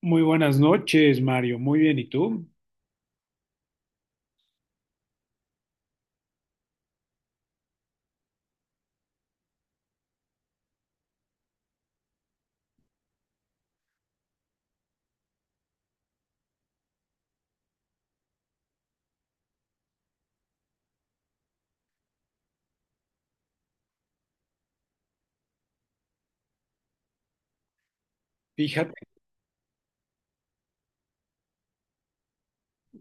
Muy buenas noches, Mario. Muy bien, ¿y tú? Fíjate,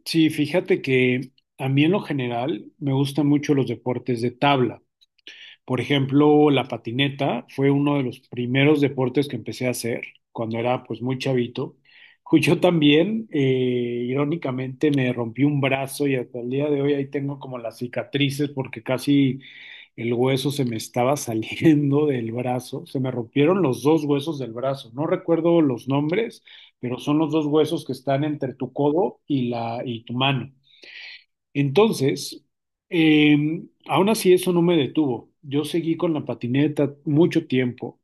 sí, fíjate que a mí en lo general me gustan mucho los deportes de tabla. Por ejemplo, la patineta fue uno de los primeros deportes que empecé a hacer cuando era pues muy chavito. Yo también, irónicamente, me rompí un brazo y hasta el día de hoy ahí tengo como las cicatrices porque casi el hueso se me estaba saliendo del brazo. Se me rompieron los dos huesos del brazo. No recuerdo los nombres, pero son los dos huesos que están entre tu codo y la y tu mano. Entonces, aún así eso no me detuvo. Yo seguí con la patineta mucho tiempo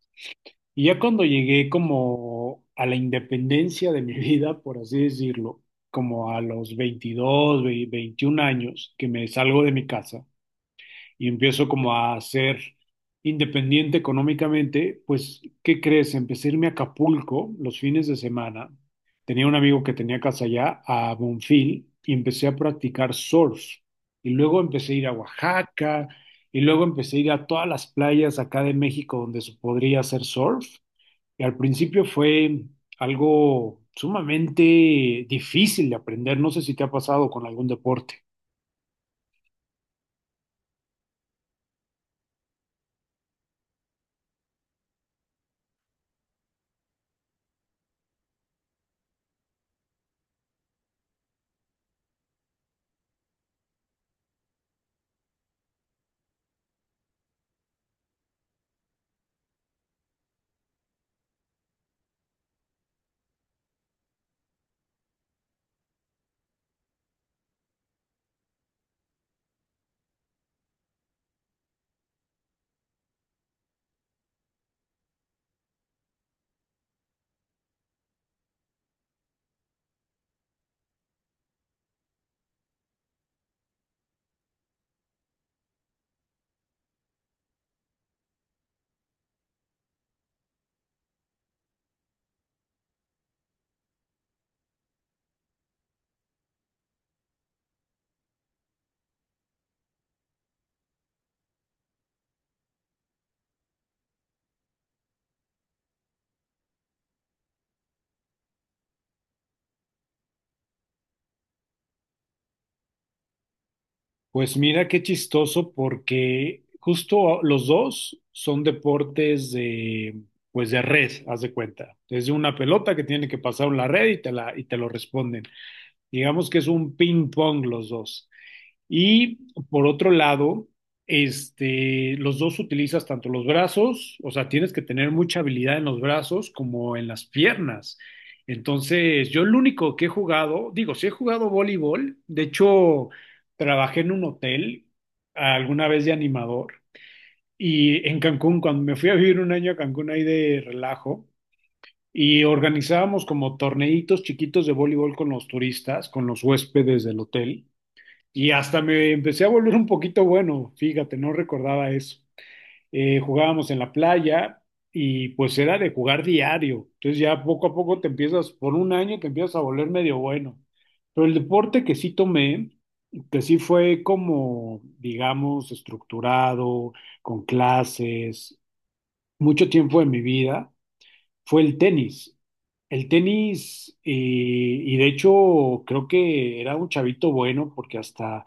y ya cuando llegué como a la independencia de mi vida, por así decirlo, como a los 21 años que me salgo de mi casa, y empiezo como a ser independiente económicamente, pues, ¿qué crees? Empecé a irme a Acapulco los fines de semana. Tenía un amigo que tenía casa allá, a Bonfil, y empecé a practicar surf. Y luego empecé a ir a Oaxaca, y luego empecé a ir a todas las playas acá de México donde se podría hacer surf. Y al principio fue algo sumamente difícil de aprender. No sé si te ha pasado con algún deporte. Pues mira qué chistoso porque justo los dos son deportes de, pues de red, haz de cuenta. Es una pelota que tiene que pasar una red y te la, y te lo responden. Digamos que es un ping pong los dos. Y por otro lado, este, los dos utilizas tanto los brazos, o sea, tienes que tener mucha habilidad en los brazos como en las piernas. Entonces, yo lo único que he jugado, digo, sí he jugado voleibol, de hecho, trabajé en un hotel alguna vez de animador y en Cancún, cuando me fui a vivir un año a Cancún ahí de relajo, y organizábamos como torneitos chiquitos de voleibol con los turistas, con los huéspedes del hotel. Y hasta me empecé a volver un poquito bueno, fíjate, no recordaba eso. Jugábamos en la playa y pues era de jugar diario. Entonces ya poco a poco te empiezas, por un año te empiezas a volver medio bueno. Pero el deporte que sí tomé, que sí fue como, digamos, estructurado, con clases, mucho tiempo de mi vida, fue el tenis. El tenis, y de hecho creo que era un chavito bueno porque hasta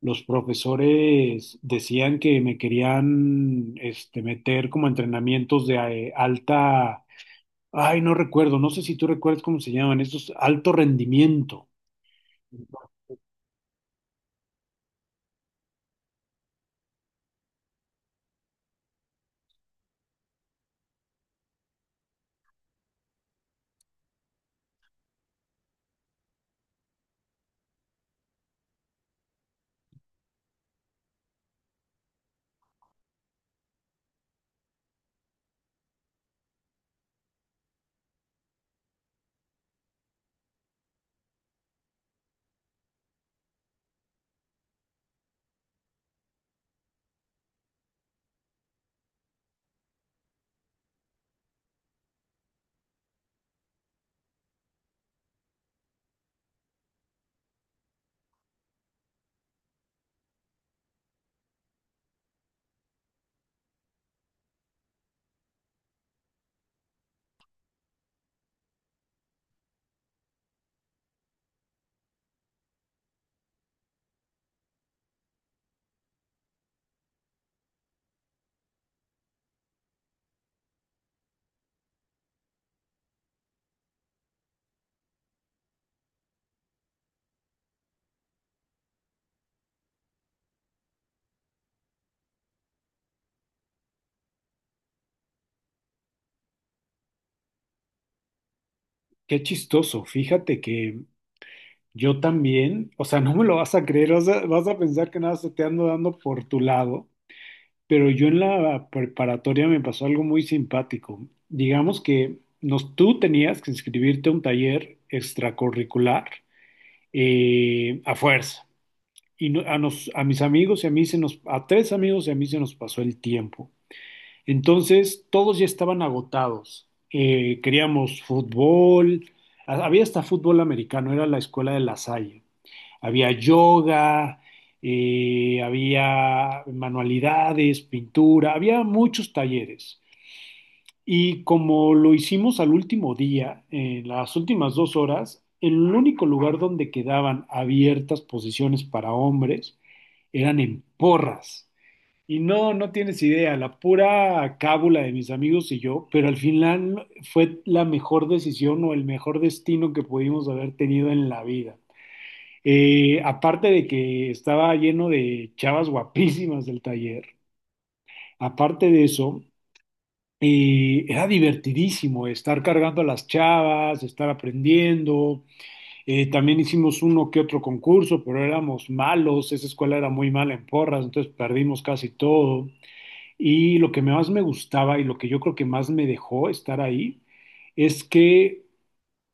los profesores decían que me querían este, meter como a entrenamientos de alta, ay, no recuerdo, no sé si tú recuerdas cómo se llaman, estos alto rendimiento. Qué chistoso, fíjate que yo también, o sea, no me lo vas a creer, vas a pensar que nada se te ando dando por tu lado. Pero yo en la preparatoria me pasó algo muy simpático. Digamos que nos, tú tenías que inscribirte a un taller extracurricular a fuerza. A mis amigos y a mí se nos, a tres amigos y a mí se nos pasó el tiempo. Entonces todos ya estaban agotados. Queríamos fútbol, había hasta fútbol americano, era la escuela de La Salle. Había yoga, había manualidades, pintura, había muchos talleres. Y como lo hicimos al último día, en las últimas dos horas, el único lugar donde quedaban abiertas posiciones para hombres eran en porras. Y no, no tienes idea, la pura cábula de mis amigos y yo, pero al final fue la mejor decisión o el mejor destino que pudimos haber tenido en la vida. Aparte de que estaba lleno de chavas guapísimas del taller, aparte de eso, era divertidísimo estar cargando a las chavas, estar aprendiendo. También hicimos uno que otro concurso, pero éramos malos. Esa escuela era muy mala en porras, entonces perdimos casi todo. Y lo que más me gustaba y lo que yo creo que más me dejó estar ahí es que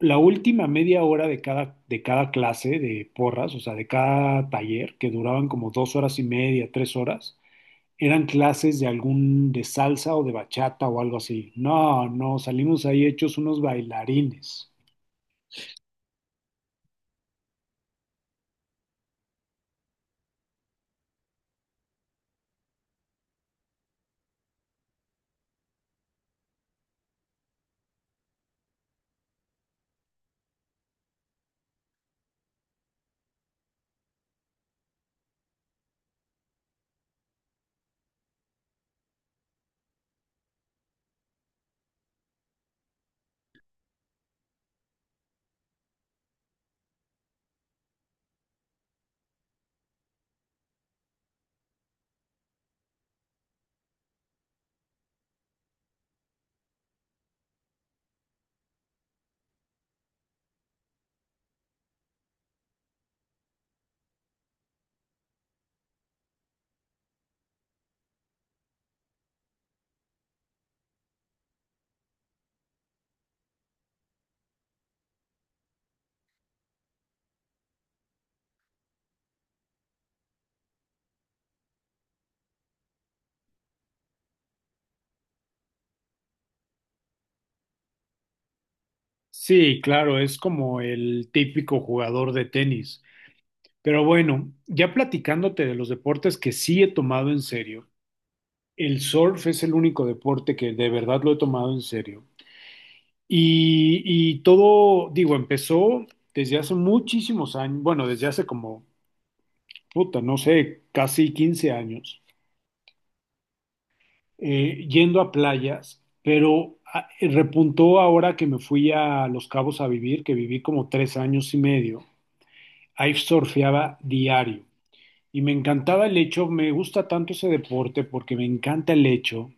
la última media hora de cada clase de porras, o sea, de cada taller, que duraban como dos horas y media, tres horas, eran clases de algún, de salsa o de bachata o algo así. No, no, salimos ahí hechos unos bailarines. Sí, claro, es como el típico jugador de tenis. Pero bueno, ya platicándote de los deportes que sí he tomado en serio, el surf es el único deporte que de verdad lo he tomado en serio. Y todo, digo, empezó desde hace muchísimos años, bueno, desde hace como, puta, no sé, casi 15 años, yendo a playas, pero ah, repuntó ahora que me fui a Los Cabos a vivir, que viví como 3 años y medio. Ahí surfeaba diario y me encantaba el hecho, me gusta tanto ese deporte porque me encanta el hecho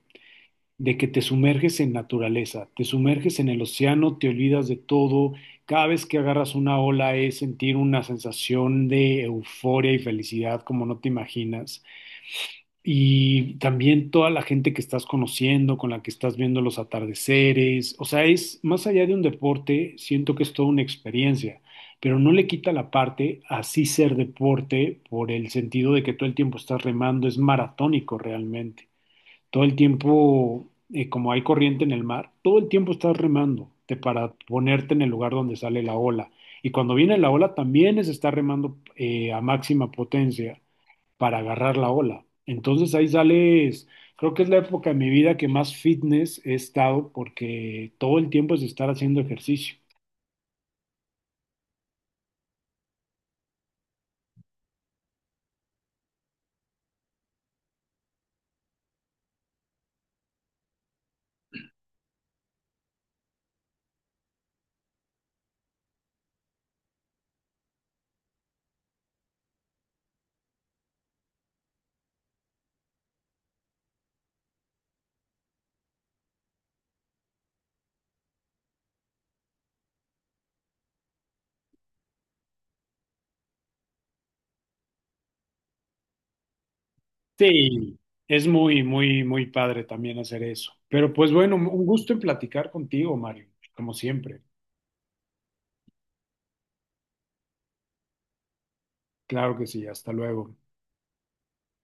de que te sumerges en naturaleza, te sumerges en el océano, te olvidas de todo. Cada vez que agarras una ola es sentir una sensación de euforia y felicidad como no te imaginas. Y también toda la gente que estás conociendo, con la que estás viendo los atardeceres. O sea, es más allá de un deporte, siento que es toda una experiencia, pero no le quita la parte así ser deporte por el sentido de que todo el tiempo estás remando, es maratónico realmente todo el tiempo, como hay corriente en el mar, todo el tiempo estás remando para ponerte en el lugar donde sale la ola. Y cuando viene la ola, también es estar remando a máxima potencia para agarrar la ola. Entonces ahí sales, creo que es la época de mi vida que más fitness he estado porque todo el tiempo es estar haciendo ejercicio. Sí, es muy, muy, muy padre también hacer eso. Pero pues bueno, un gusto en platicar contigo, Mario, como siempre. Claro que sí, hasta luego.